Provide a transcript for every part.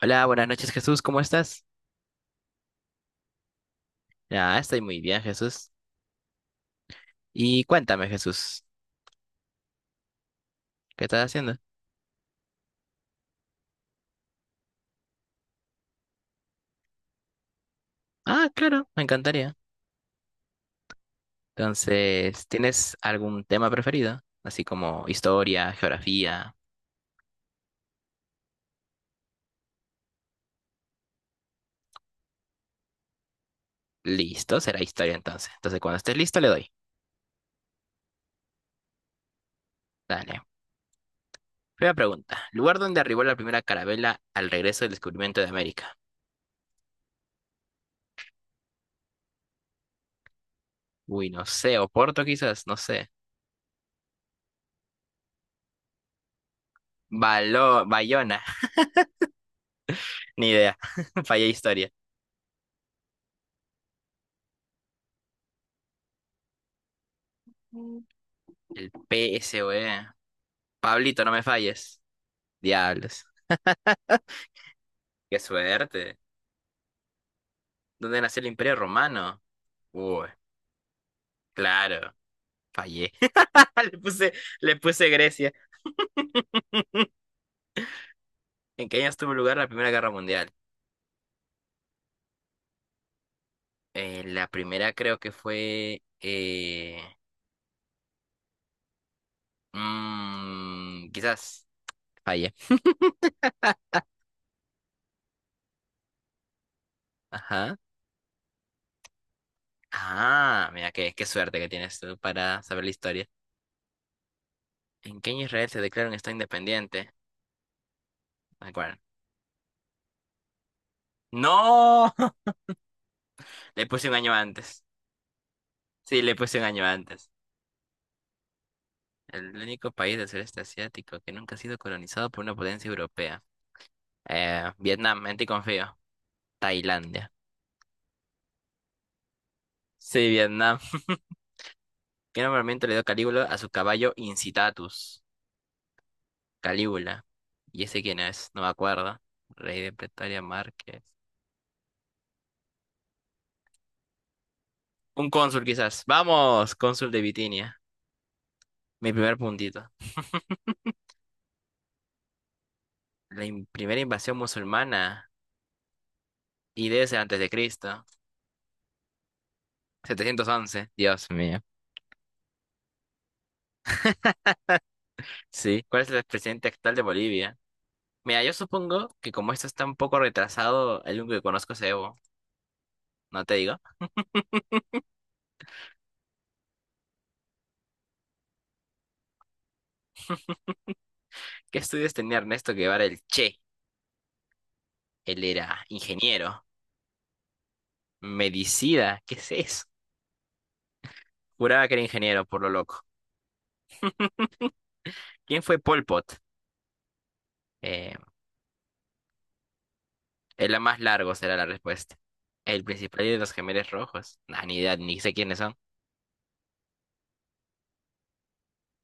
Hola, buenas noches Jesús, ¿cómo estás? Ah, estoy muy bien Jesús. Y cuéntame Jesús, ¿qué estás haciendo? Ah, claro, me encantaría. Entonces, ¿tienes algún tema preferido? Así como historia, geografía. Listo, será historia entonces. Entonces, cuando estés listo, le doy. Dale. Primera pregunta. ¿Lugar donde arribó la primera carabela al regreso del descubrimiento de América? Uy, no sé, Oporto quizás, no sé. Baló, Bayona, ni idea. Fallé historia. El PSOE. Pablito, no me falles. Diablos. Qué suerte. ¿Dónde nació el Imperio Romano? Uy, claro, fallé. Le puse, le puse Grecia. ¿En qué años tuvo lugar la Primera Guerra Mundial? La primera creo que fue... quizás fallé. Ajá. Ah, mira, qué suerte que tienes tú para saber la historia. ¿En qué año Israel se declara un Estado independiente? No me acuerdo. ¡No! Le puse un año antes. Sí, le puse un año antes. El único país del sureste asiático que nunca ha sido colonizado por una potencia europea. Vietnam, en ti confío. Tailandia. Sí, Vietnam. ¿Qué nombramiento le dio Calígula a su caballo Incitatus? Calígula. ¿Y ese quién es? No me acuerdo. Rey de Pretoria Márquez. Un cónsul quizás. Vamos, cónsul de Bitinia. Mi primer puntito. La primera invasión musulmana. Y debe ser antes de Cristo. 711. Dios mío. Sí. ¿Cuál es el presidente actual de Bolivia? Mira, yo supongo que como esto está un poco retrasado, el único que conozco es Evo, no te digo. ¿Qué estudios tenía Ernesto Guevara el Che? Él era ingeniero, medicida ¿qué es eso? Juraba que era ingeniero, por lo loco. ¿Quién fue Pol Pot? Eh, el más largo será la respuesta. El principal de los gemelos rojos. Nah, ni idea, ni sé quiénes son.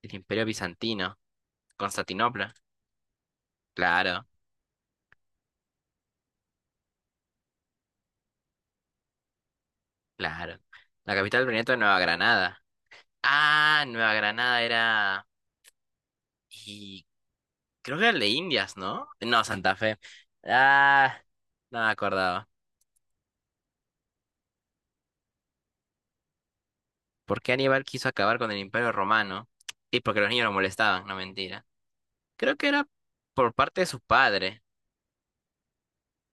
El Imperio Bizantino. Constantinopla. Claro, claro. La capital del Virreinato de Nueva Granada. Ah, Nueva Granada era... ¿Y Creo que era el de Indias, ¿no? No, Santa Fe. Ah, no me acordaba. ¿Por qué Aníbal quiso acabar con el Imperio Romano? Y porque los niños lo molestaban, no mentira. Creo que era por parte de su padre.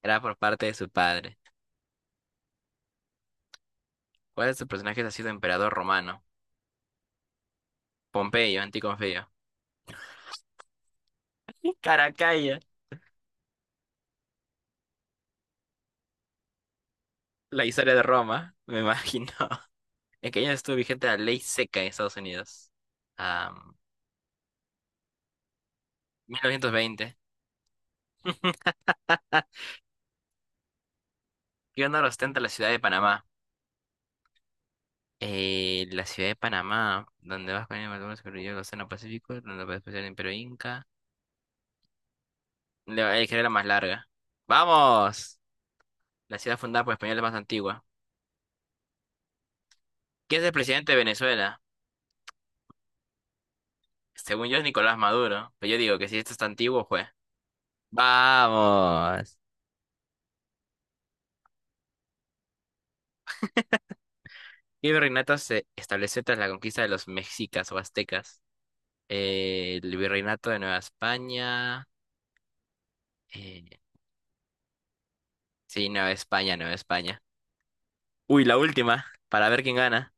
Era por parte de su padre. ¿Cuál de sus personajes ha sido emperador romano? Pompeyo, Anticonfeo. Caracalla. La historia de Roma, me imagino. ¿En qué año estuvo vigente la ley seca en Estados Unidos? Ah, 1920. Ah, ¿qué honor ostenta la ciudad de Panamá? La ciudad de Panamá, donde vas con el Malvinas, corrió el Océano Pacífico, donde puedes pasar el Imperio Inca. La es que era la más larga. ¡Vamos! La ciudad fundada por españoles más antigua. ¿Quién es el presidente de Venezuela? Según yo es Nicolás Maduro, pero yo digo que si esto está antiguo, pues. ¡Vamos! ¿Qué virreinato se estableció tras la conquista de los mexicas o aztecas? El virreinato de Nueva España. eh, sí, Nueva España, Nueva España. Uy, la última, para ver quién gana.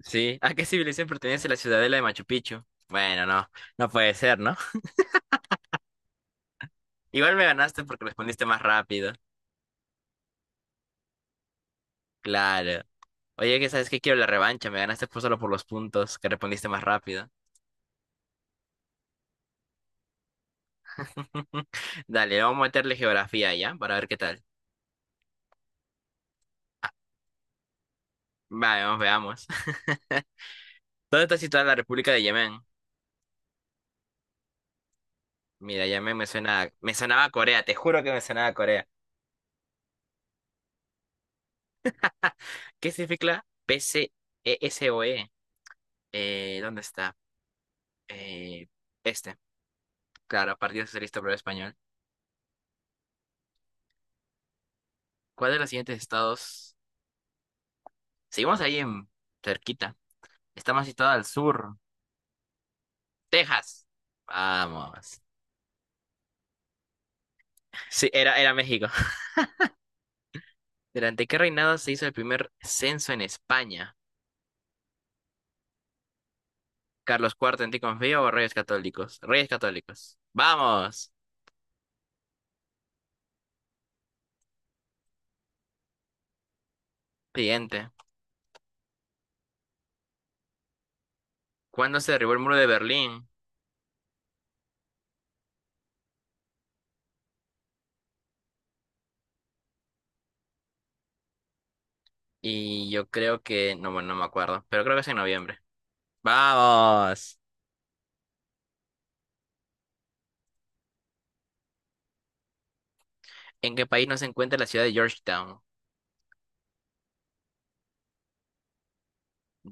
Sí. ¿A qué civilización pertenece la ciudadela de Machu Picchu? Bueno, no, no puede ser, ¿no? Igual me ganaste porque respondiste más rápido. Claro. Oye, que sabes que quiero la revancha, me ganaste por solo por los puntos que respondiste más rápido. Dale, vamos a meterle geografía ya, para ver qué tal. Vale, vamos, veamos. ¿Dónde está situada la República de Yemen? Mira, Yemen me suena, me sonaba a Corea, te juro que me sonaba a Corea. ¿Qué significa PCESOE? ¿Dónde está? Eh, este, claro, Partido Socialista Obrero Español. ¿Cuál de los siguientes estados? Seguimos ahí en cerquita. Está más situada al sur. Texas. Vamos. Sí, era México. ¿Durante qué reinado se hizo el primer censo en España? ¿Carlos Cuarto en ti confío o Reyes Católicos? Reyes Católicos. Vamos. Siguiente. ¿Cuándo se derribó el muro de Berlín? Y yo creo que... No, bueno, no me acuerdo. Pero creo que es en noviembre. Vamos. ¿En qué país no se encuentra la ciudad de Georgetown?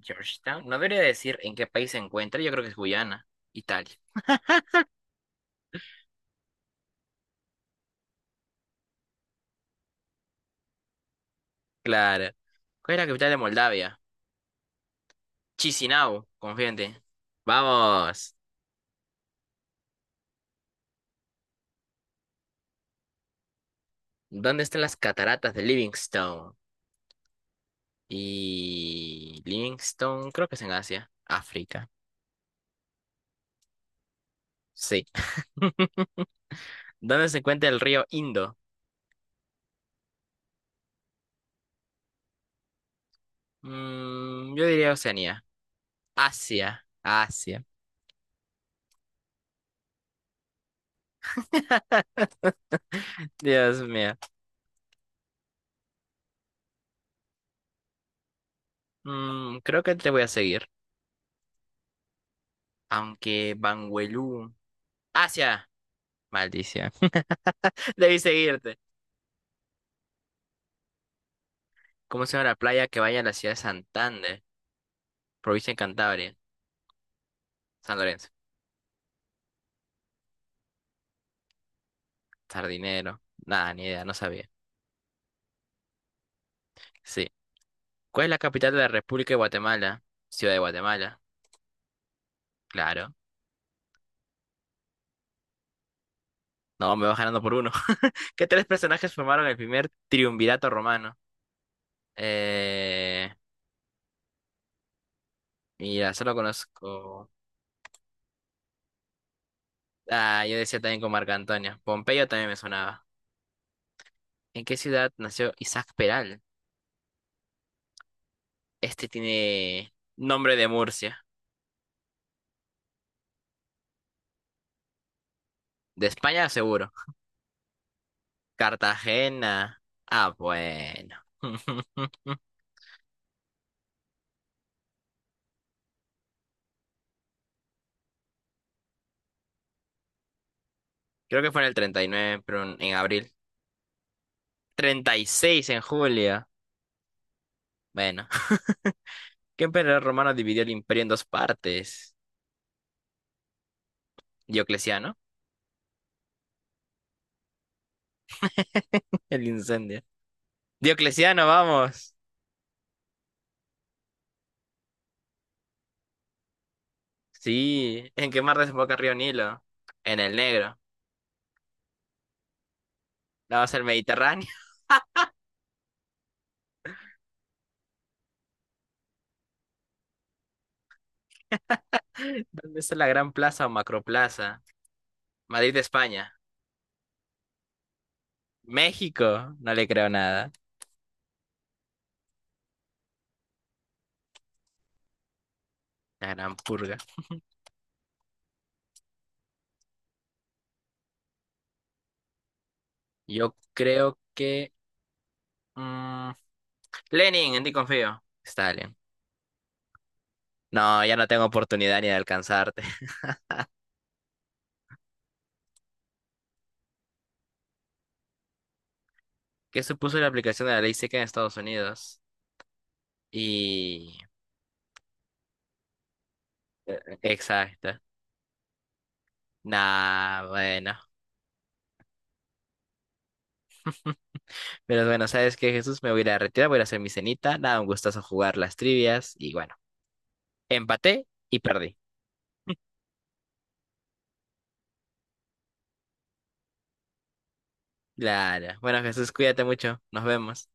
Georgetown. No debería decir en qué país se encuentra. Yo creo que es Guyana. Italia. Claro. ¿Cuál es la capital de Moldavia? Chisinau, confíate. Vamos. ¿Dónde están las cataratas de Livingstone? Y Livingstone, creo que es en Asia. África. Sí. ¿Dónde se encuentra el río Indo? Yo diría Oceanía. Asia. Asia. Dios mío. Creo que te voy a seguir. Aunque Banguelú. Asia. Maldición. Debí seguirte. ¿Cómo se llama la playa que vaya a la ciudad de Santander, provincia de Cantabria? San Lorenzo. Sardinero. Nada, ni idea, no sabía. Sí. ¿Cuál es la capital de la República de Guatemala? Ciudad de Guatemala. Claro. No, me vas ganando por uno. ¿Qué tres personajes formaron el primer triunvirato romano? Eh, mira, solo conozco. Ah, yo decía también con Marco Antonio. Pompeyo también me sonaba. ¿En qué ciudad nació Isaac Peral? Este tiene nombre de Murcia. De España, seguro. Cartagena. Ah, bueno. Creo que fue en el 39 pero en abril. 36 en julio. Bueno. ¿Qué emperador romano dividió el imperio en dos partes? Diocleciano. El incendio. Diocleciano, vamos. Sí. ¿En qué mar desemboca el río Nilo? En el Negro. Vamos al Mediterráneo. ¿Dónde está la Gran Plaza o Macroplaza? Madrid, España. México. No le creo nada. La Gran Purga. Yo creo que... mm, Lenin, en ti confío. Stalin. No, ya no tengo oportunidad ni de alcanzarte. Que supuso la aplicación de la ley seca en Estados Unidos. Y... exacto. Nah, bueno. Pero bueno, ¿sabes qué, Jesús? Me voy a ir a retirar, voy a ir a hacer mi cenita. Nada, un gustazo jugar las trivias. Y bueno, empaté y perdí. Claro. Bueno, Jesús, cuídate mucho. Nos vemos.